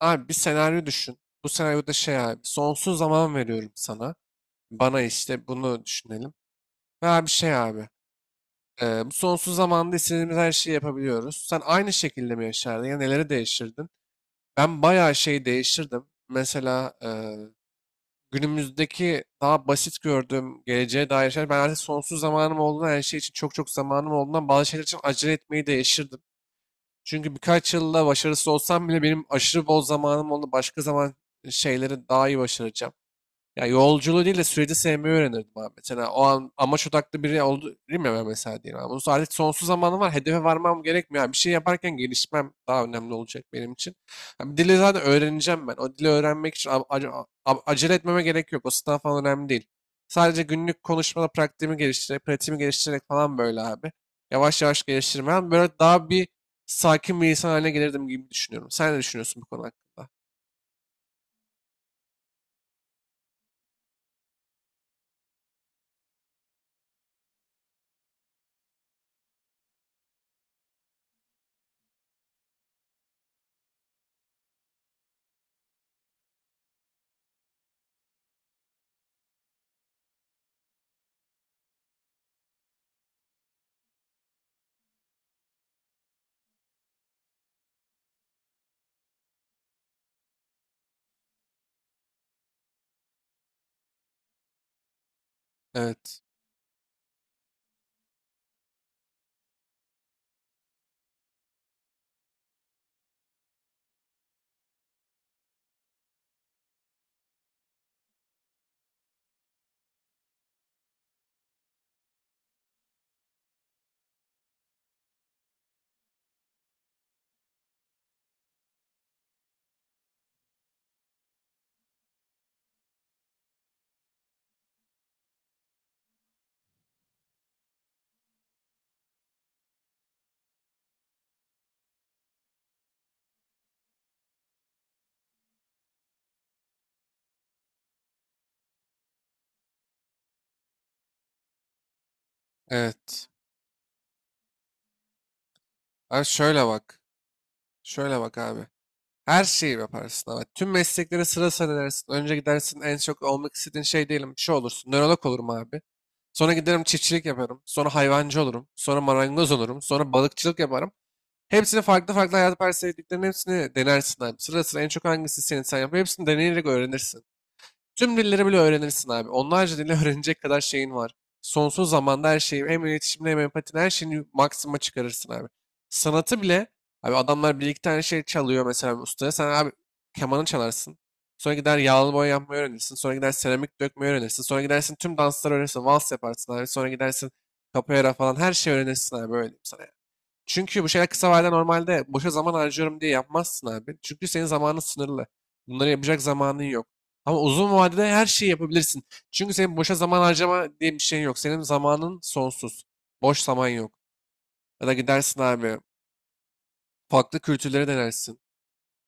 Abi bir senaryo düşün. Bu senaryoda şey abi sonsuz zaman veriyorum sana. Bana işte bunu düşünelim. Ve abi şey abi bu sonsuz zamanda istediğimiz her şeyi yapabiliyoruz. Sen aynı şekilde mi yaşardın ya neleri değiştirdin? Ben bayağı şey değiştirdim. Mesela günümüzdeki daha basit gördüğüm geleceğe dair şeyler. Ben artık sonsuz zamanım olduğundan her şey için çok çok zamanım olduğundan bazı şeyler için acele etmeyi değiştirdim. Çünkü birkaç yılla başarısız olsam bile benim aşırı bol zamanım oldu. Başka zaman şeyleri daha iyi başaracağım. Ya yolculuğu değil de süreci sevmeyi öğrenirdim abi. Mesela o an amaç odaklı biri oldu değil mi, ben mesela diyelim abi. Bu artık sonsuz zamanım var. Hedefe varmam gerekmiyor. Yani bir şey yaparken gelişmem daha önemli olacak benim için. Yani dili zaten öğreneceğim ben. O dili öğrenmek için acele etmeme gerek yok. O sınav falan önemli değil. Sadece günlük konuşmada pratiğimi geliştirerek, pratiğimi geliştirerek falan böyle abi. Yavaş yavaş geliştirmem. Böyle daha bir sakin bir insan haline gelirdim gibi düşünüyorum. Sen ne düşünüyorsun bu konu hakkında? Evet. Evet. Abi şöyle bak. Şöyle bak abi. Her şeyi yaparsın ama tüm mesleklere sıra sıralarısın. Önce gidersin en çok olmak istediğin şey diyelim, bir şey olursun. Nörolog olurum abi. Sonra giderim çiftçilik yaparım. Sonra hayvancı olurum. Sonra marangoz olurum. Sonra balıkçılık yaparım. Hepsini farklı farklı hayat parsiyetliklerinin hepsini denersin abi. Sıra sıra en çok hangisi senin, sen yap. Hepsini deneyerek öğrenirsin. Tüm dilleri bile öğrenirsin abi. Onlarca dili öğrenecek kadar şeyin var. Sonsuz zamanda her şeyi, hem iletişimde hem empatide her şeyini maksima çıkarırsın abi. Sanatı bile, abi adamlar bir iki tane şey çalıyor mesela ustaya. Sen abi kemanı çalarsın. Sonra gider yağlı boya yapmayı öğrenirsin. Sonra gider seramik dökmeyi öğrenirsin. Sonra gidersin tüm dansları öğrenirsin. Vals yaparsın abi. Sonra gidersin capoeira falan her şeyi öğrenirsin abi. Böyle diyeyim sana. Çünkü bu şeyler kısa vadede normalde boşa zaman harcıyorum diye yapmazsın abi. Çünkü senin zamanın sınırlı. Bunları yapacak zamanın yok. Ama uzun vadede her şeyi yapabilirsin. Çünkü senin boşa zaman harcama diye bir şeyin yok. Senin zamanın sonsuz. Boş zaman yok. Ya da gidersin abi, farklı kültürleri denersin.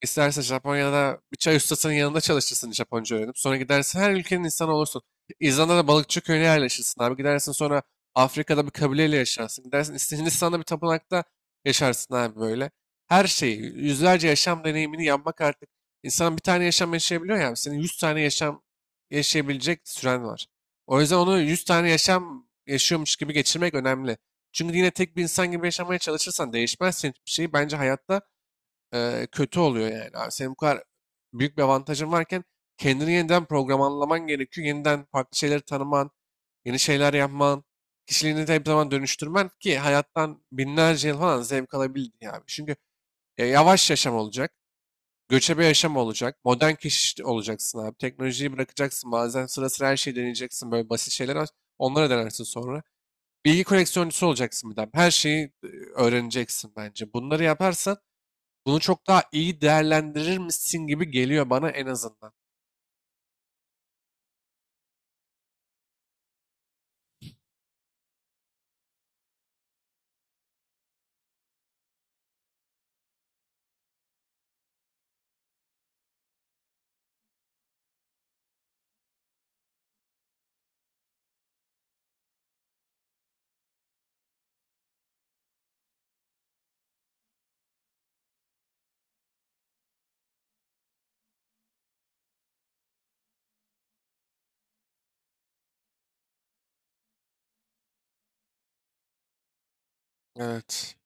İstersen Japonya'da bir çay ustasının yanında çalışırsın, Japonca öğrenip. Sonra gidersin her ülkenin insanı olursun. İzlanda'da balıkçı köyüne yerleşirsin abi. Gidersin sonra Afrika'da bir kabileyle yaşarsın. Gidersin Hindistan'da bir tapınakta yaşarsın abi böyle. Her şeyi, yüzlerce yaşam deneyimini yapmak artık. İnsan bir tane yaşam yaşayabiliyor ya. Senin 100 tane yaşam yaşayabilecek süren var. O yüzden onu 100 tane yaşam yaşıyormuş gibi geçirmek önemli. Çünkü yine tek bir insan gibi yaşamaya çalışırsan değişmezsin hiçbir şeyi. Bence hayatta kötü oluyor yani. Abi senin bu kadar büyük bir avantajın varken kendini yeniden programlaman gerekiyor. Yeniden farklı şeyleri tanıman, yeni şeyler yapman, kişiliğini de hep zaman dönüştürmen ki hayattan binlerce yıl falan zevk alabildin abi. Çünkü yavaş yaşam olacak, göçebe yaşam olacak, modern kişi olacaksın abi. Teknolojiyi bırakacaksın bazen, sıra sıra her şeyi deneyeceksin, böyle basit şeyler var. Onlara denersin sonra. Bilgi koleksiyoncusu olacaksın bir daha. Her şeyi öğreneceksin bence. Bunları yaparsan bunu çok daha iyi değerlendirir misin gibi geliyor bana, en azından. Evet.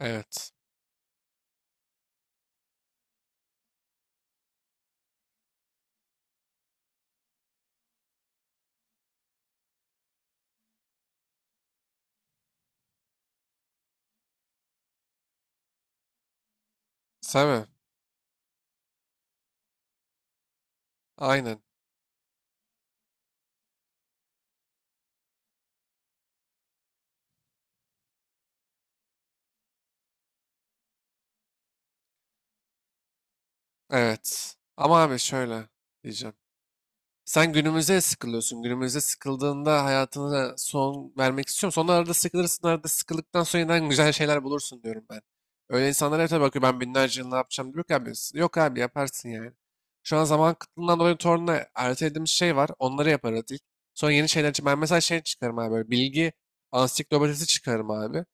Evet. Sen mi? Aynen. Evet. Ama abi şöyle diyeceğim. Sen günümüze sıkılıyorsun. Günümüze sıkıldığında hayatına son vermek istiyorum. Sonra arada sıkılırsın, arada sıkıldıktan sonra yeniden güzel şeyler bulursun diyorum ben. Öyle insanlar hep tabii bakıyor, ben binlerce yıl ne yapacağım diyor ki abi. Yok abi, yaparsın yani. Şu an zaman kıtlığından dolayı torunla ertelediğimiz şey var. Onları yaparız ilk. Sonra yeni şeyler için. Ben mesela şey çıkarım abi, böyle bilgi ansiklopedisi çıkarım abi.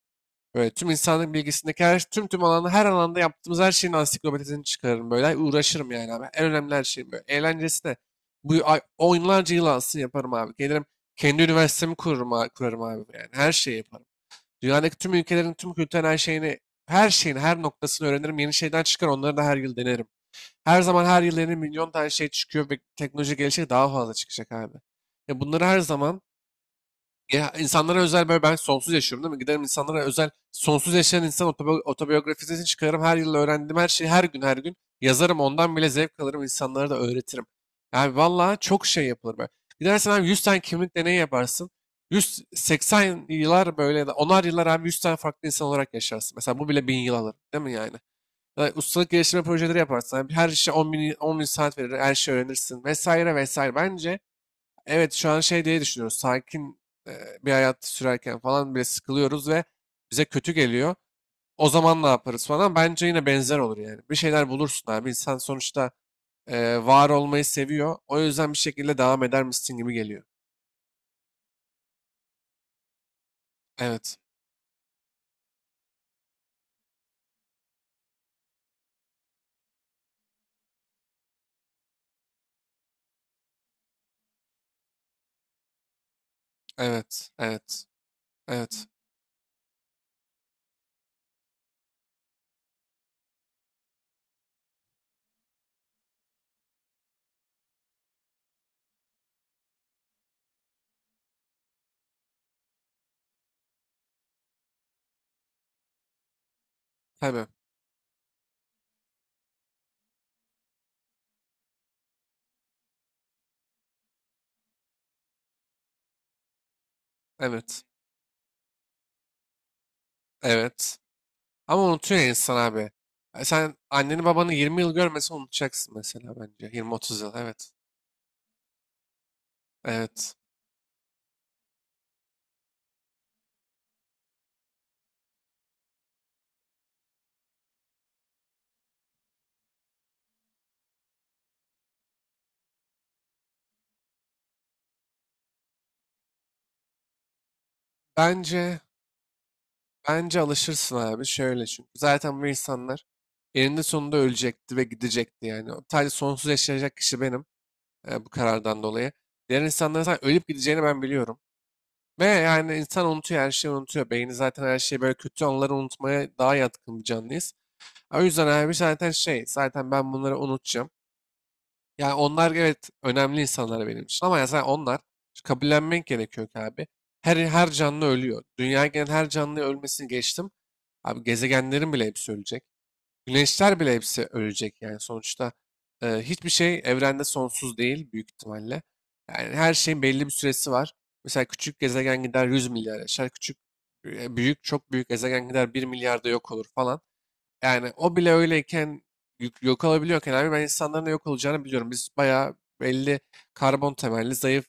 Böyle tüm insanlık bilgisindeki her, tüm alanda, her alanda yaptığımız her şeyin ansiklopedisini çıkarırım böyle. Uğraşırım yani abi. En önemli her şeyim böyle. Eğlencesi de bu ay, onlarca yıl alsın yaparım abi. Gelirim kendi üniversitemi kururum, kurarım abi yani. Her şeyi yaparım. Dünyadaki tüm ülkelerin tüm kültürel her şeyini, her şeyin her noktasını öğrenirim. Yeni şeyden çıkar onları da her yıl denerim. Her zaman, her yıl yeni milyon tane şey çıkıyor ve teknoloji gelişecek, daha fazla çıkacak abi. Ya bunları her zaman, ya insanlara özel böyle ben sonsuz yaşıyorum değil mi? Giderim insanlara özel sonsuz yaşayan insan otobiyografisini çıkarırım. Her yıl öğrendiğim her şeyi her gün her gün yazarım. Ondan bile zevk alırım. İnsanlara da öğretirim. Yani vallahi çok şey yapılır böyle. Gidersen abi 100 tane kimlik deneyi yaparsın. 180 yıllar böyle, ya da onar yıllar abi 100 tane farklı insan olarak yaşarsın. Mesela bu bile 1000 yıl alır değil mi yani? Ya da ustalık geliştirme projeleri yaparsın. Abi her işe 10 bin, 10 bin saat verir. Her şeyi öğrenirsin vesaire vesaire. Bence evet, şu an şey diye düşünüyoruz. Sakin bir hayat sürerken falan bile sıkılıyoruz ve bize kötü geliyor. O zaman ne yaparız falan. Bence yine benzer olur yani. Bir şeyler bulursun abi. İnsan sonuçta var olmayı seviyor. O yüzden bir şekilde devam eder misin gibi geliyor. Evet. Evet. Evet. Evet. Tabii. Evet. Evet. Ama unutuyor ya insan abi. Sen anneni babanı 20 yıl görmesen unutacaksın mesela bence. 20-30 yıl. Evet. Evet. Bence Bence alışırsın abi şöyle, çünkü zaten bu insanlar eninde sonunda ölecekti ve gidecekti yani. O, sadece sonsuz yaşayacak kişi benim bu karardan dolayı. Diğer insanların zaten ölüp gideceğini ben biliyorum. Ve yani insan unutuyor, her şeyi unutuyor. Beyni zaten her şeyi böyle, kötü anıları unutmaya daha yatkın bir canlıyız. O yüzden abi zaten şey, zaten ben bunları unutacağım. Yani onlar evet önemli insanlar benim için ama yani onlar işte, kabullenmek gerekiyor ki abi. Her canlı ölüyor. Dünya gelen her canlı ölmesini geçtim. Abi gezegenlerin bile hepsi ölecek. Güneşler bile hepsi ölecek yani sonuçta. Hiçbir şey evrende sonsuz değil büyük ihtimalle. Yani her şeyin belli bir süresi var. Mesela küçük gezegen gider 100 milyar yaşar. Küçük, büyük, çok büyük gezegen gider 1 milyarda yok olur falan. Yani o bile öyleyken yok olabiliyorken abi, ben insanların da yok olacağını biliyorum. Biz bayağı belli karbon temelli, zayıf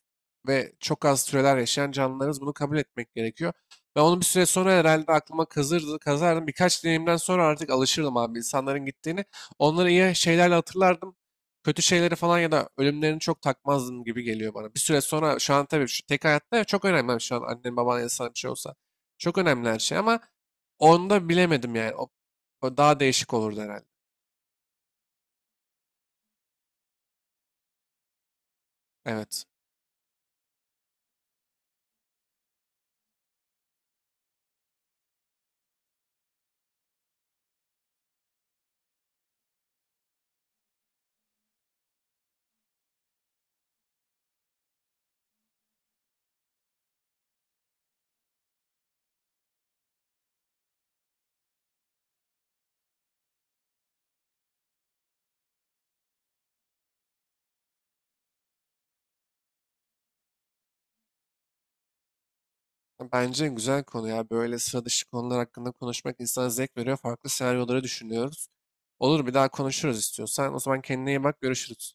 ve çok az süreler yaşayan canlılarız. Bunu kabul etmek gerekiyor. Ve onu bir süre sonra herhalde aklıma kazırdı, kazardım. Birkaç deneyimden sonra artık alışırdım abi insanların gittiğini. Onları iyi şeylerle hatırlardım. Kötü şeyleri falan ya da ölümlerini çok takmazdım gibi geliyor bana. Bir süre sonra, şu an tabii şu tek hayatta çok önemli abi, şu an annen baban insan bir şey olsa. Çok önemli her şey ama onu da bilemedim yani. O daha değişik olurdu herhalde. Evet. Bence güzel konu ya. Böyle sıra dışı konular hakkında konuşmak insana zevk veriyor. Farklı senaryoları düşünüyoruz. Olur, bir daha konuşuruz istiyorsan. O zaman kendine iyi bak. Görüşürüz.